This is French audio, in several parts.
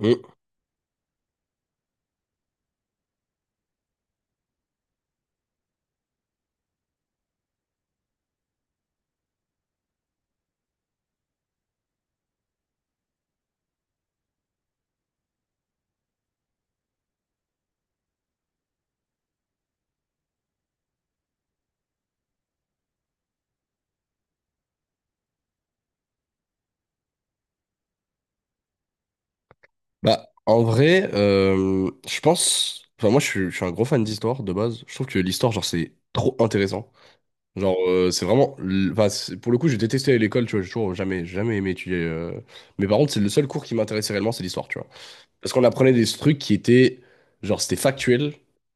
Mm. Bah, en vrai, je pense. Enfin, moi, je suis un gros fan d'histoire de base. Je trouve que l'histoire, genre, c'est trop intéressant. Genre, c'est vraiment. Enfin, pour le coup, j'ai détesté aller à l'école, tu vois. J'ai toujours jamais, jamais aimé étudier. Mais par contre, c'est le seul cours qui m'intéressait réellement, c'est l'histoire, tu vois. Parce qu'on apprenait des trucs qui étaient. Genre, c'était factuel.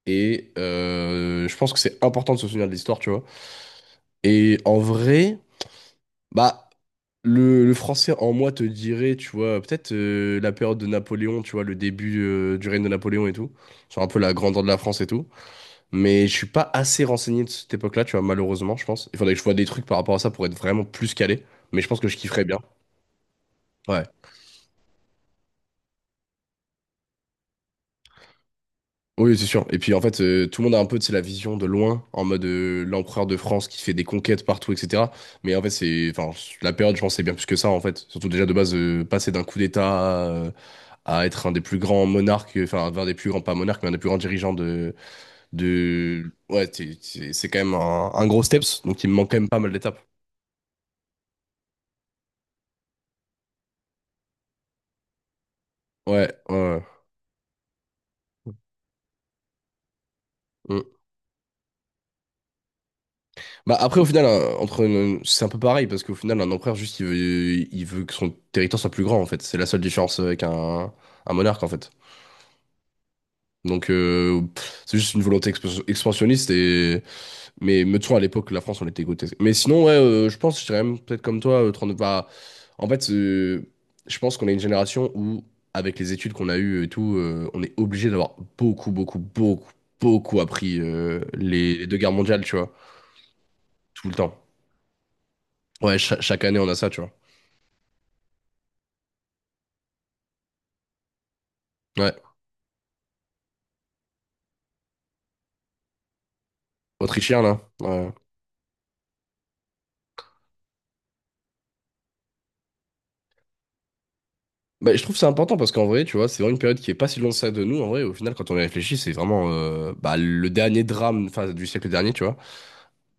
Et je pense que c'est important de se souvenir de l'histoire, tu vois. Et en vrai. Bah, le français en moi te dirait, tu vois, peut-être la période de Napoléon, tu vois, le début du règne de Napoléon et tout, sur un peu la grandeur de la France et tout. Mais je suis pas assez renseigné de cette époque-là, tu vois, malheureusement, je pense. Il faudrait que je vois des trucs par rapport à ça pour être vraiment plus calé. Mais je pense que je kifferais bien. Ouais. Oui, c'est sûr. Et puis en fait, tout le monde a un peu, tu sais, la vision de loin, en mode l'empereur de France qui fait des conquêtes partout, etc. Mais en fait, c'est, enfin, la période, je pense, c'est bien plus que ça, en fait. Surtout déjà de base, passer d'un coup d'État, à être un des plus grands monarques, enfin, un des plus grands, pas monarques, mais un des plus grands dirigeants de, ouais, c'est quand même un gros steps, donc il me manque quand même pas mal d'étapes. Ouais, ouais. Ouais. Mm. Bah après au final c'est un peu pareil parce qu'au final un empereur juste il veut que son territoire soit plus grand en fait c'est la seule différence avec un monarque en fait donc pff, c'est juste une volonté expansionniste et Mais me de à l'époque, la France, on était grotesque. Mais sinon, ouais, je pense, je dirais même peut-être comme toi, 39 bah, en fait, je pense qu'on est une génération où, avec les études qu'on a eues et tout, on est obligé d'avoir beaucoup, beaucoup, beaucoup, beaucoup appris les deux guerres mondiales, tu vois, tout le temps. Ouais, chaque année, on a ça, tu vois. Ouais, autrichien, là. Ouais. Bah, je trouve que c'est important parce qu'en vrai, tu vois, c'est vraiment une période qui est pas si loin de ça de nous. En vrai, au final, quand on y réfléchit, c'est vraiment bah, le dernier drame enfin, du siècle dernier, tu vois.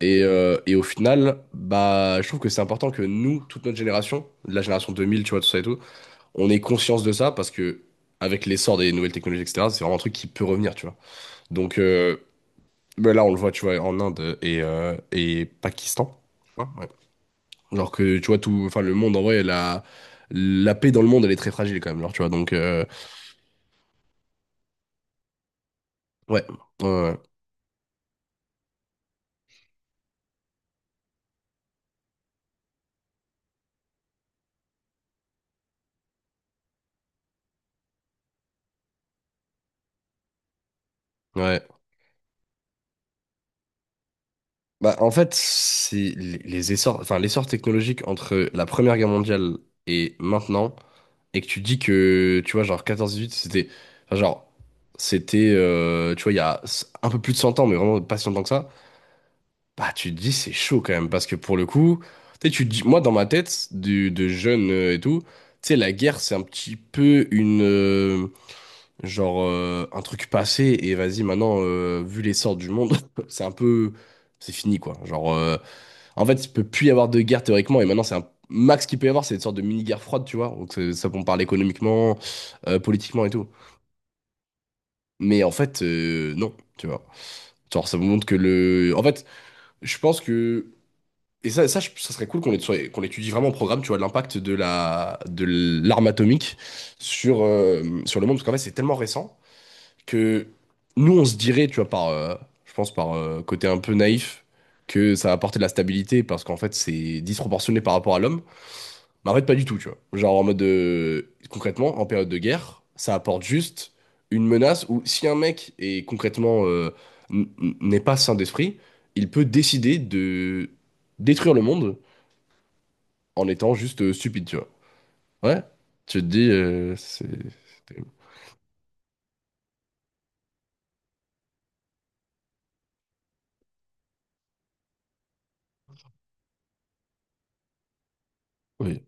Et au final, bah, je trouve que c'est important que nous, toute notre génération, la génération 2000, tu vois, tout ça et tout, on ait conscience de ça parce que avec l'essor des nouvelles technologies, etc., c'est vraiment un truc qui peut revenir, tu vois. Donc bah là, on le voit, tu vois, en Inde et Pakistan. Tu vois, ouais. Alors que, tu vois, tout, enfin, le monde, en vrai, la paix dans le monde, elle est très fragile quand même, genre, tu vois. Donc, ouais, ouais, ouais. Ouais. Bah, en fait, c'est les essors, enfin, l'essor technologique entre la Première Guerre mondiale et maintenant. Et que tu dis que, tu vois, genre 14-18, c'était, enfin, genre, c'était, tu vois, il y a un peu plus de 100 ans, mais vraiment pas si longtemps que ça, bah, tu te dis, c'est chaud quand même, parce que pour le coup, tu sais, tu te dis, moi, dans ma tête, du, de jeune et tout, tu sais, la guerre, c'est un petit peu une, genre, un truc passé, et vas-y, maintenant, vu l'essor du monde, c'est un peu, c'est fini, quoi. Genre, en fait, il peut plus y avoir de guerre théoriquement, et maintenant, c'est un max qu'il peut y avoir, c'est une sorte de mini-guerre froide, tu vois. Donc, ça, on parle économiquement, politiquement et tout. Mais en fait, non, tu vois. Genre, ça vous montre que le. En fait, je pense que. Et ça, ça serait cool qu'on étudie vraiment au programme, tu vois, l'impact de la, de l'arme atomique sur le monde, parce qu'en fait, c'est tellement récent que nous, on se dirait, tu vois, par, je pense, par côté un peu naïf, que ça apporte de la stabilité, parce qu'en fait, c'est disproportionné par rapport à l'homme. Mais en fait, pas du tout, tu vois. Genre en mode de... Concrètement, en période de guerre, ça apporte juste une menace où si un mec est concrètement n'est pas sain d'esprit, il peut décider de détruire le monde en étant juste stupide, tu vois. Ouais. Tu te dis, c'est terrible. Oui.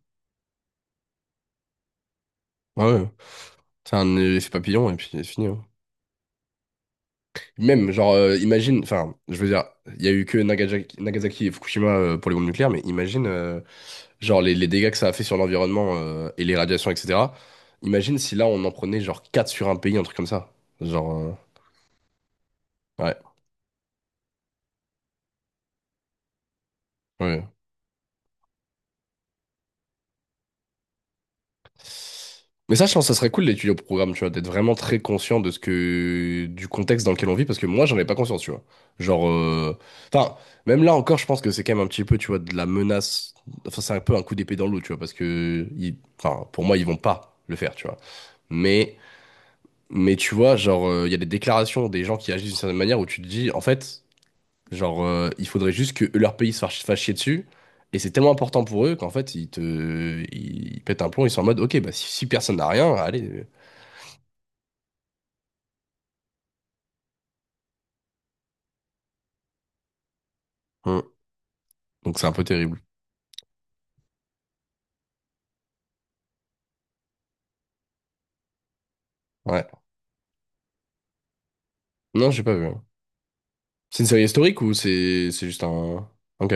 Ouais, ouais. C'est un effet papillon et puis c'est fini. Hein. Même, genre, imagine, enfin, je veux dire, il y a eu que Nagasaki, Nagasaki et Fukushima pour les bombes nucléaires, mais imagine, genre, les dégâts que ça a fait sur l'environnement et les radiations, etc. Imagine si là, on en prenait, genre, 4 sur un pays, un truc comme ça. Genre, ouais, ouais. Mais ça, je pense que ça serait cool d'étudier au programme, tu vois, d'être vraiment très conscient de ce que, du contexte dans lequel on vit, parce que moi, j'en ai pas conscience, tu vois. Genre, enfin, même là encore, je pense que c'est quand même un petit peu, tu vois, de la menace. Enfin, c'est un peu un coup d'épée dans l'eau, tu vois, parce que, enfin, pour moi, ils vont pas le faire, tu vois. Mais, tu vois, genre, il y a des déclarations des gens qui agissent d'une certaine manière où tu te dis, en fait. Genre, il faudrait juste que leur pays se fasse chier dessus. Et c'est tellement important pour eux qu'en fait, ils pètent un plomb, ils sont en mode, ok, bah si personne n'a rien, allez. Hum. Donc c'est un peu terrible. Ouais. Non, j'ai pas vu. Hein. C'est une série historique ou c'est juste un. Ok.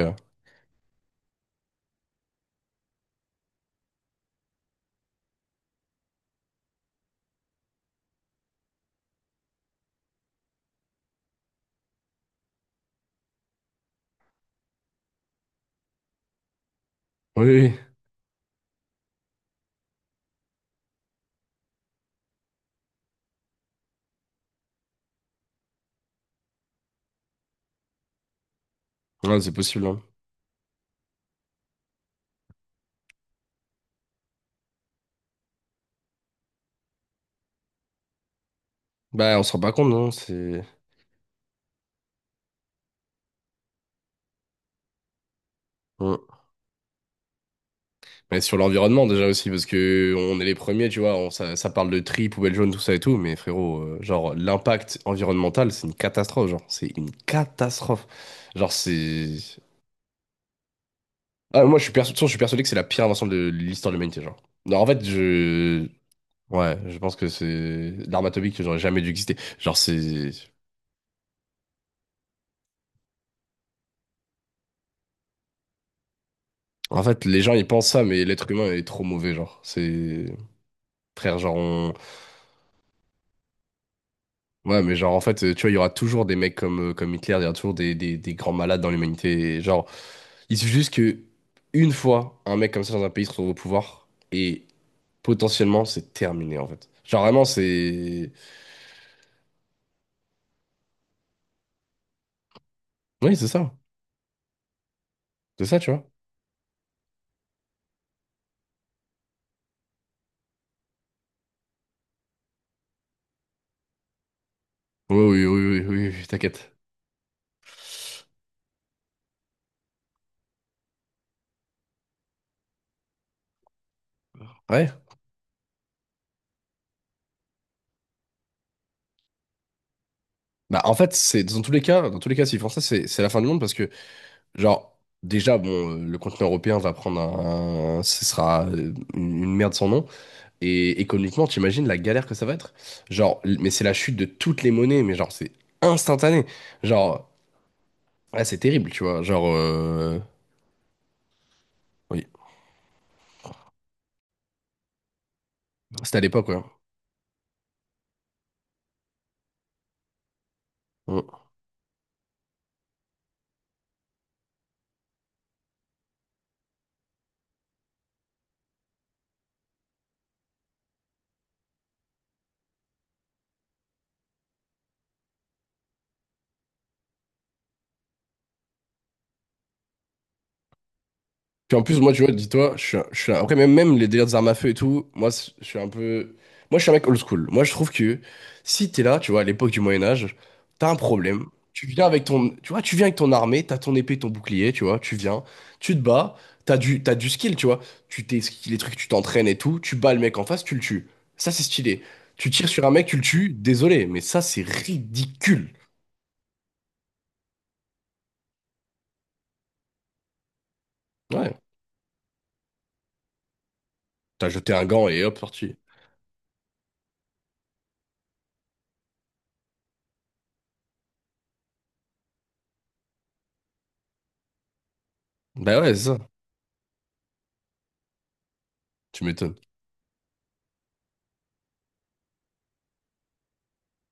Oui, oui. Ouais, c'est possible. Hein. Bah, on se rend pas compte, non? C'est. Hum. Mais sur l'environnement déjà aussi, parce que on est les premiers, tu vois, ça, ça parle de tri, poubelle jaune, tout ça et tout, mais frérot, genre l'impact environnemental, c'est une catastrophe, genre, c'est une catastrophe. Genre c'est... Ah, moi de toute façon, je suis persuadé que c'est la pire invention de l'histoire de l'humanité, genre. Non, en fait, je... Ouais, je pense que c'est l'arme atomique que j'aurais jamais dû exister. Genre c'est... En fait, les gens ils pensent ça, mais l'être humain est trop mauvais, genre. C'est... Frère, genre. Ouais, mais genre, en fait, tu vois, il y aura toujours des mecs comme Hitler, il y aura toujours des grands malades dans l'humanité. Et genre, il suffit juste que une fois, un mec comme ça dans un pays se retrouve au pouvoir, et potentiellement, c'est terminé, en fait. Genre, vraiment, c'est... Oui, c'est ça. C'est ça, tu vois. Oui, oui, oui, oui, oui, oui, t'inquiète. Ouais. Bah, en fait, c'est dans tous les cas, dans tous les cas, s'ils font ça, c'est la fin du monde parce que, genre, déjà, bon, le continent européen va prendre ce sera une merde sans nom. Et économiquement, t'imagines la galère que ça va être? Genre, mais c'est la chute de toutes les monnaies, mais genre, c'est instantané. Genre, ah, c'est terrible, tu vois. Genre, oui, c'était à l'époque, ouais. Mm. Puis en plus, moi, tu vois, dis-toi, après, même les délires des armes à feu et tout, moi, je suis un peu. Moi, je suis un mec old school. Moi, je trouve que si t'es là, tu vois, à l'époque du Moyen-Âge, t'as un problème. Tu viens avec ton. Tu vois, tu viens avec ton armée, t'as ton épée, ton bouclier, tu vois, tu viens, tu te bats, t'as du skill, tu vois. Tu t'es, les trucs, tu t'entraînes et tout, tu bats le mec en face, tu le tues. Ça, c'est stylé. Tu tires sur un mec, tu le tues, désolé, mais ça, c'est ridicule. Ouais, t'as jeté un gant et hop, sorti. Bah ouais, c'est ça, tu m'étonnes.